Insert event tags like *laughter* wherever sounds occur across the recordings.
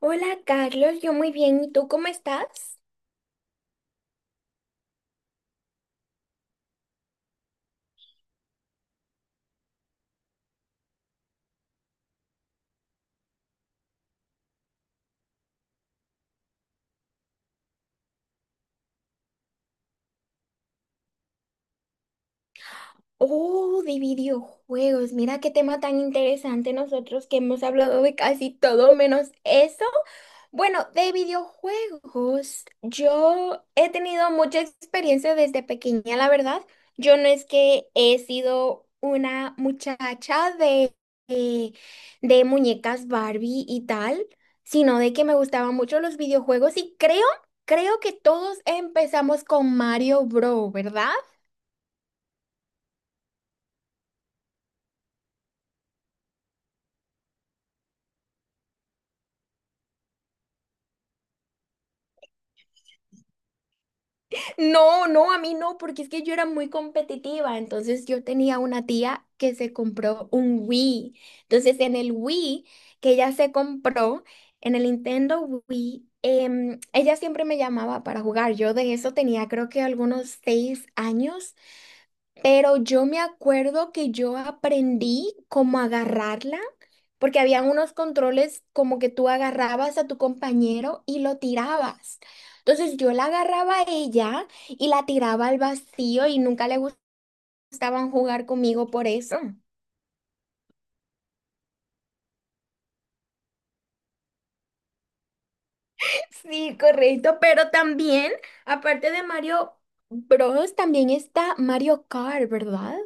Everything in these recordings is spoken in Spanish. Hola Carlos, yo muy bien, ¿y tú cómo estás? Oh, de videojuegos. Mira qué tema tan interesante nosotros que hemos hablado de casi todo menos eso. Bueno, de videojuegos, yo he tenido mucha experiencia desde pequeña, la verdad. Yo no es que he sido una muchacha de, de muñecas Barbie y tal, sino de que me gustaban mucho los videojuegos y creo que todos empezamos con Mario Bros, ¿verdad? No, no, a mí no, porque es que yo era muy competitiva. Entonces yo tenía una tía que se compró un Wii. Entonces en el Wii que ella se compró, en el Nintendo Wii, ella siempre me llamaba para jugar. Yo de eso tenía creo que algunos 6 años, pero yo me acuerdo que yo aprendí cómo agarrarla, porque habían unos controles como que tú agarrabas a tu compañero y lo tirabas. Entonces yo la agarraba a ella y la tiraba al vacío y nunca le gustaban jugar conmigo por eso. *laughs* Sí, correcto, pero también, aparte de Mario Bros, también está Mario Kart, ¿verdad?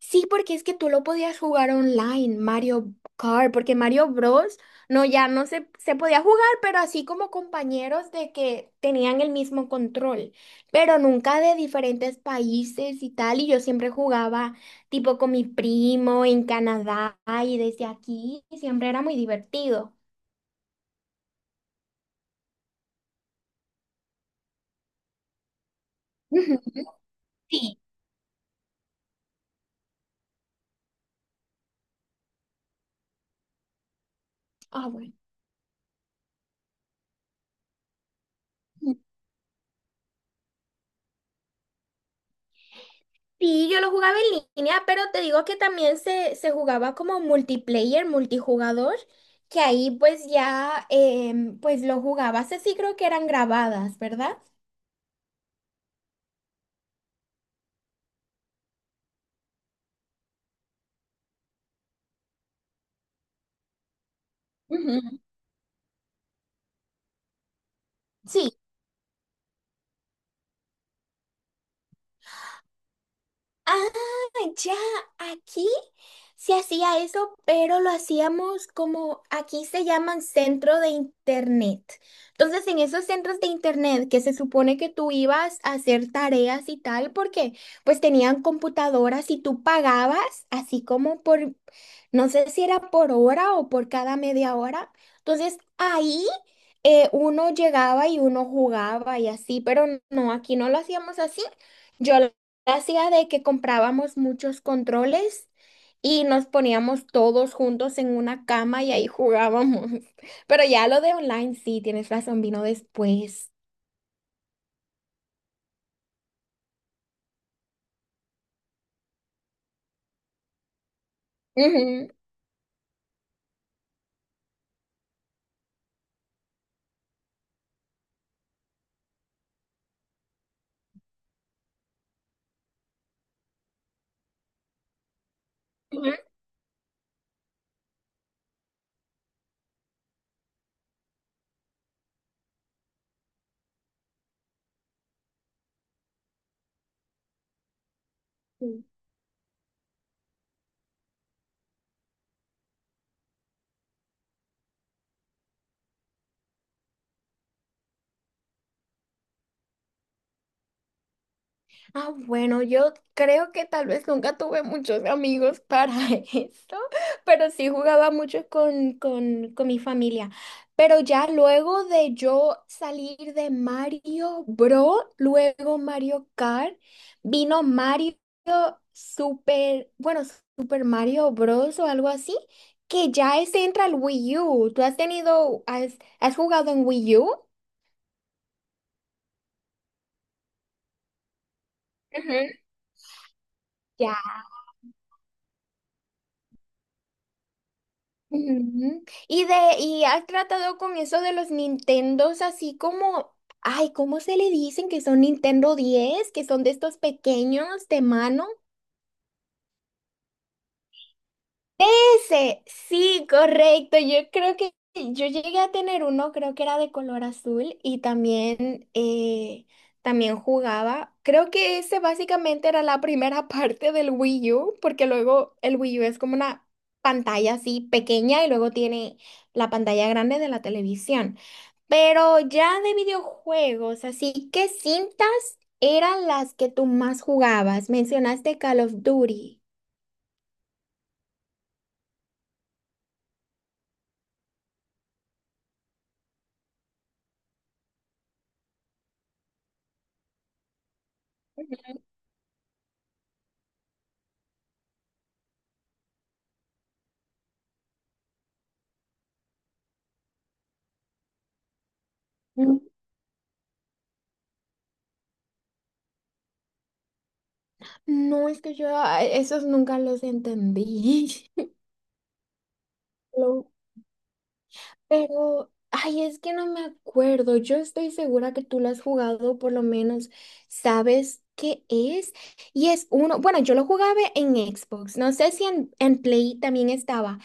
Sí, porque es que tú lo podías jugar online, Mario Kart, porque Mario Bros. No, ya no se podía jugar, pero así como compañeros de que tenían el mismo control, pero nunca de diferentes países y tal, y yo siempre jugaba tipo con mi primo en Canadá y desde aquí, y siempre era muy divertido. Ujú. Sí. Ah, bueno. Sí, yo lo jugaba en línea, pero te digo que también se jugaba como multiplayer, multijugador, que ahí pues ya pues lo jugabas así, creo que eran grabadas, ¿verdad? Ujú. Sí, ah, ya, aquí se hacía eso, pero lo hacíamos como aquí se llaman centro de internet. Entonces, en esos centros de internet que se supone que tú ibas a hacer tareas y tal, porque pues tenían computadoras y tú pagabas así como por, no sé si era por hora o por cada media hora. Entonces, ahí uno llegaba y uno jugaba y así, pero no, aquí no lo hacíamos así. Yo hacía de que comprábamos muchos controles y nos poníamos todos juntos en una cama y ahí jugábamos. *laughs* Pero ya lo de online, sí, tienes razón, vino después. Ujú. Ujú. Ah, bueno, yo creo que tal vez nunca tuve muchos amigos para *laughs* esto, pero sí jugaba mucho con mi familia. Pero ya luego de yo salir de Mario Bros, luego Mario Kart, vino Mario Super, bueno, Super Mario Bros o algo así, que ya ese entra al Wii U. ¿Tú has jugado en Wii U? Ujú. Ya. Ujú. Y has tratado con eso de los Nintendos, así como, ay, ¿cómo se le dicen que son Nintendo 10, que son de estos pequeños de mano? Ese, sí, correcto. Yo creo que yo llegué a tener uno, creo que era de color azul y también, también jugaba. Creo que ese básicamente era la primera *laughs* parte del Wii U, porque luego el Wii U es como una pantalla así pequeña y luego tiene la pantalla grande de la televisión. Pero ya de videojuegos, así qué cintas eran las que tú más jugabas. Mencionaste Call of Duty. Mm. No, es que yo esos nunca los entendí. *laughs* Lo- Pero, ay, es que no me acuerdo. Yo estoy segura que tú lo has jugado, por lo menos sabes qué es. Y es uno, bueno, yo lo jugaba en Xbox. No sé si en, en Play también estaba,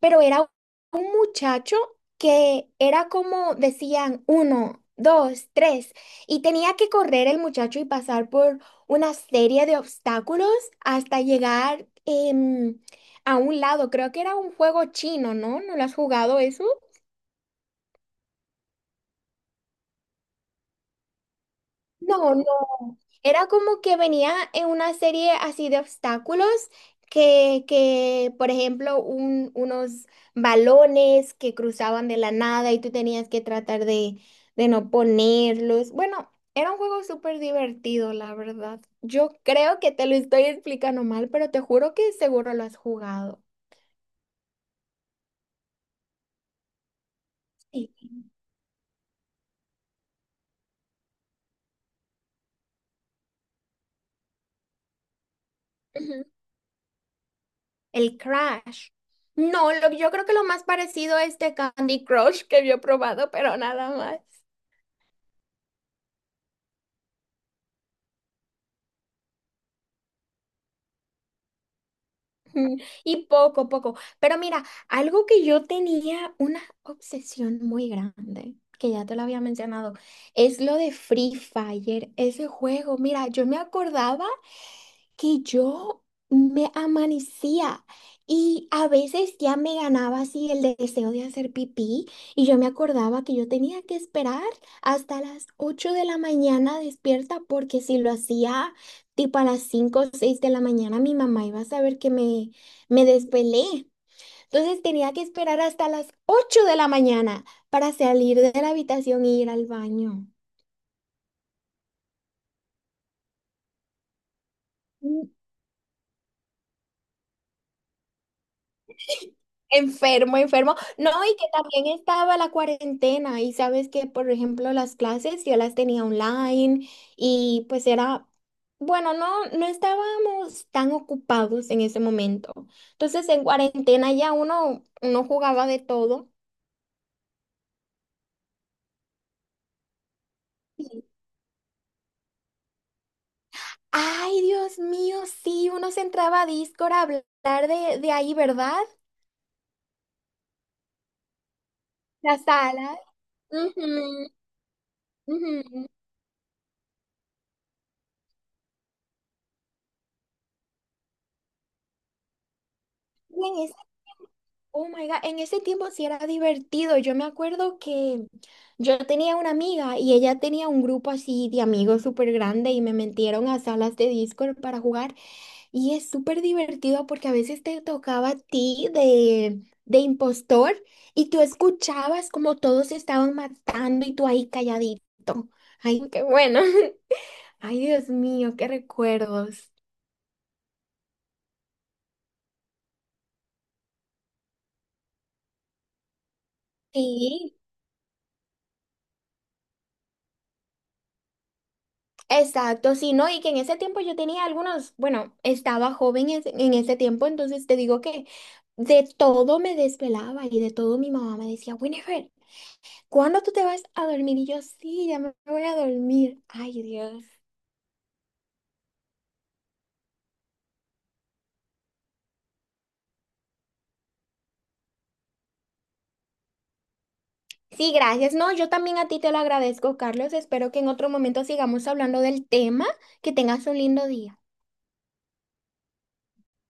pero era un muchacho que era como decían uno, dos, tres, y tenía que correr el muchacho y pasar por una serie de obstáculos hasta llegar a un lado. Creo que era un juego chino, ¿no? ¿No lo has jugado eso? No, no. Era como que venía en una serie así de obstáculos que por ejemplo, unos balones que cruzaban de la nada y tú tenías que tratar de no ponerlos. Bueno, era un juego súper divertido, la verdad. Yo creo que te lo estoy explicando mal, pero te juro que seguro lo has jugado. Sí. Ujú. El Crash. No, yo creo que lo más parecido es este Candy Crush que yo he probado, pero nada más. *laughs* Mm. Y poco, poco. Pero mira, algo que yo tenía una obsesión muy grande, que ya te lo había mencionado, es lo de Free Fire, ese juego. Mira, yo me acordaba que yo me amanecía y a veces ya me ganaba así el deseo de hacer pipí y yo me acordaba que yo tenía que esperar hasta las 8 de la mañana despierta porque si lo hacía tipo a las 5 o 6 de la mañana mi mamá iba a saber que me desvelé. Entonces tenía que esperar hasta las 8 de la mañana para salir de la habitación e ir al baño. Enfermo, enfermo. No, y que también estaba la cuarentena y sabes que, por ejemplo, las clases yo las tenía online y pues era, bueno, no, no estábamos tan ocupados en ese momento. Entonces, en cuarentena ya uno jugaba de todo. Y, Ay, Dios mío, sí, uno se entraba a Discord a hablar de ahí, ¿verdad? La sala. Ujú, ujú. Y oh my God, en ese tiempo sí era divertido. Yo me acuerdo que yo tenía una amiga y ella tenía un grupo así de amigos súper grande y me metieron a salas de Discord para jugar. Y es súper divertido porque a veces te tocaba a ti de impostor y tú escuchabas como todos se estaban matando y tú ahí calladito. Ay, qué bueno. *laughs* Ay, Dios mío, qué recuerdos. Sí. Exacto, sí, ¿no? Y que en ese tiempo yo tenía algunos, bueno, estaba joven en ese tiempo, entonces te digo que de todo me desvelaba y de todo mi mamá me decía, Winifred, ¿cuándo tú te vas a dormir? Y yo, sí, ya me voy a dormir. Ay, Dios. Sí, gracias. No, yo también a ti te lo agradezco, Carlos. Espero que en otro momento sigamos hablando del tema. Que tengas un lindo día.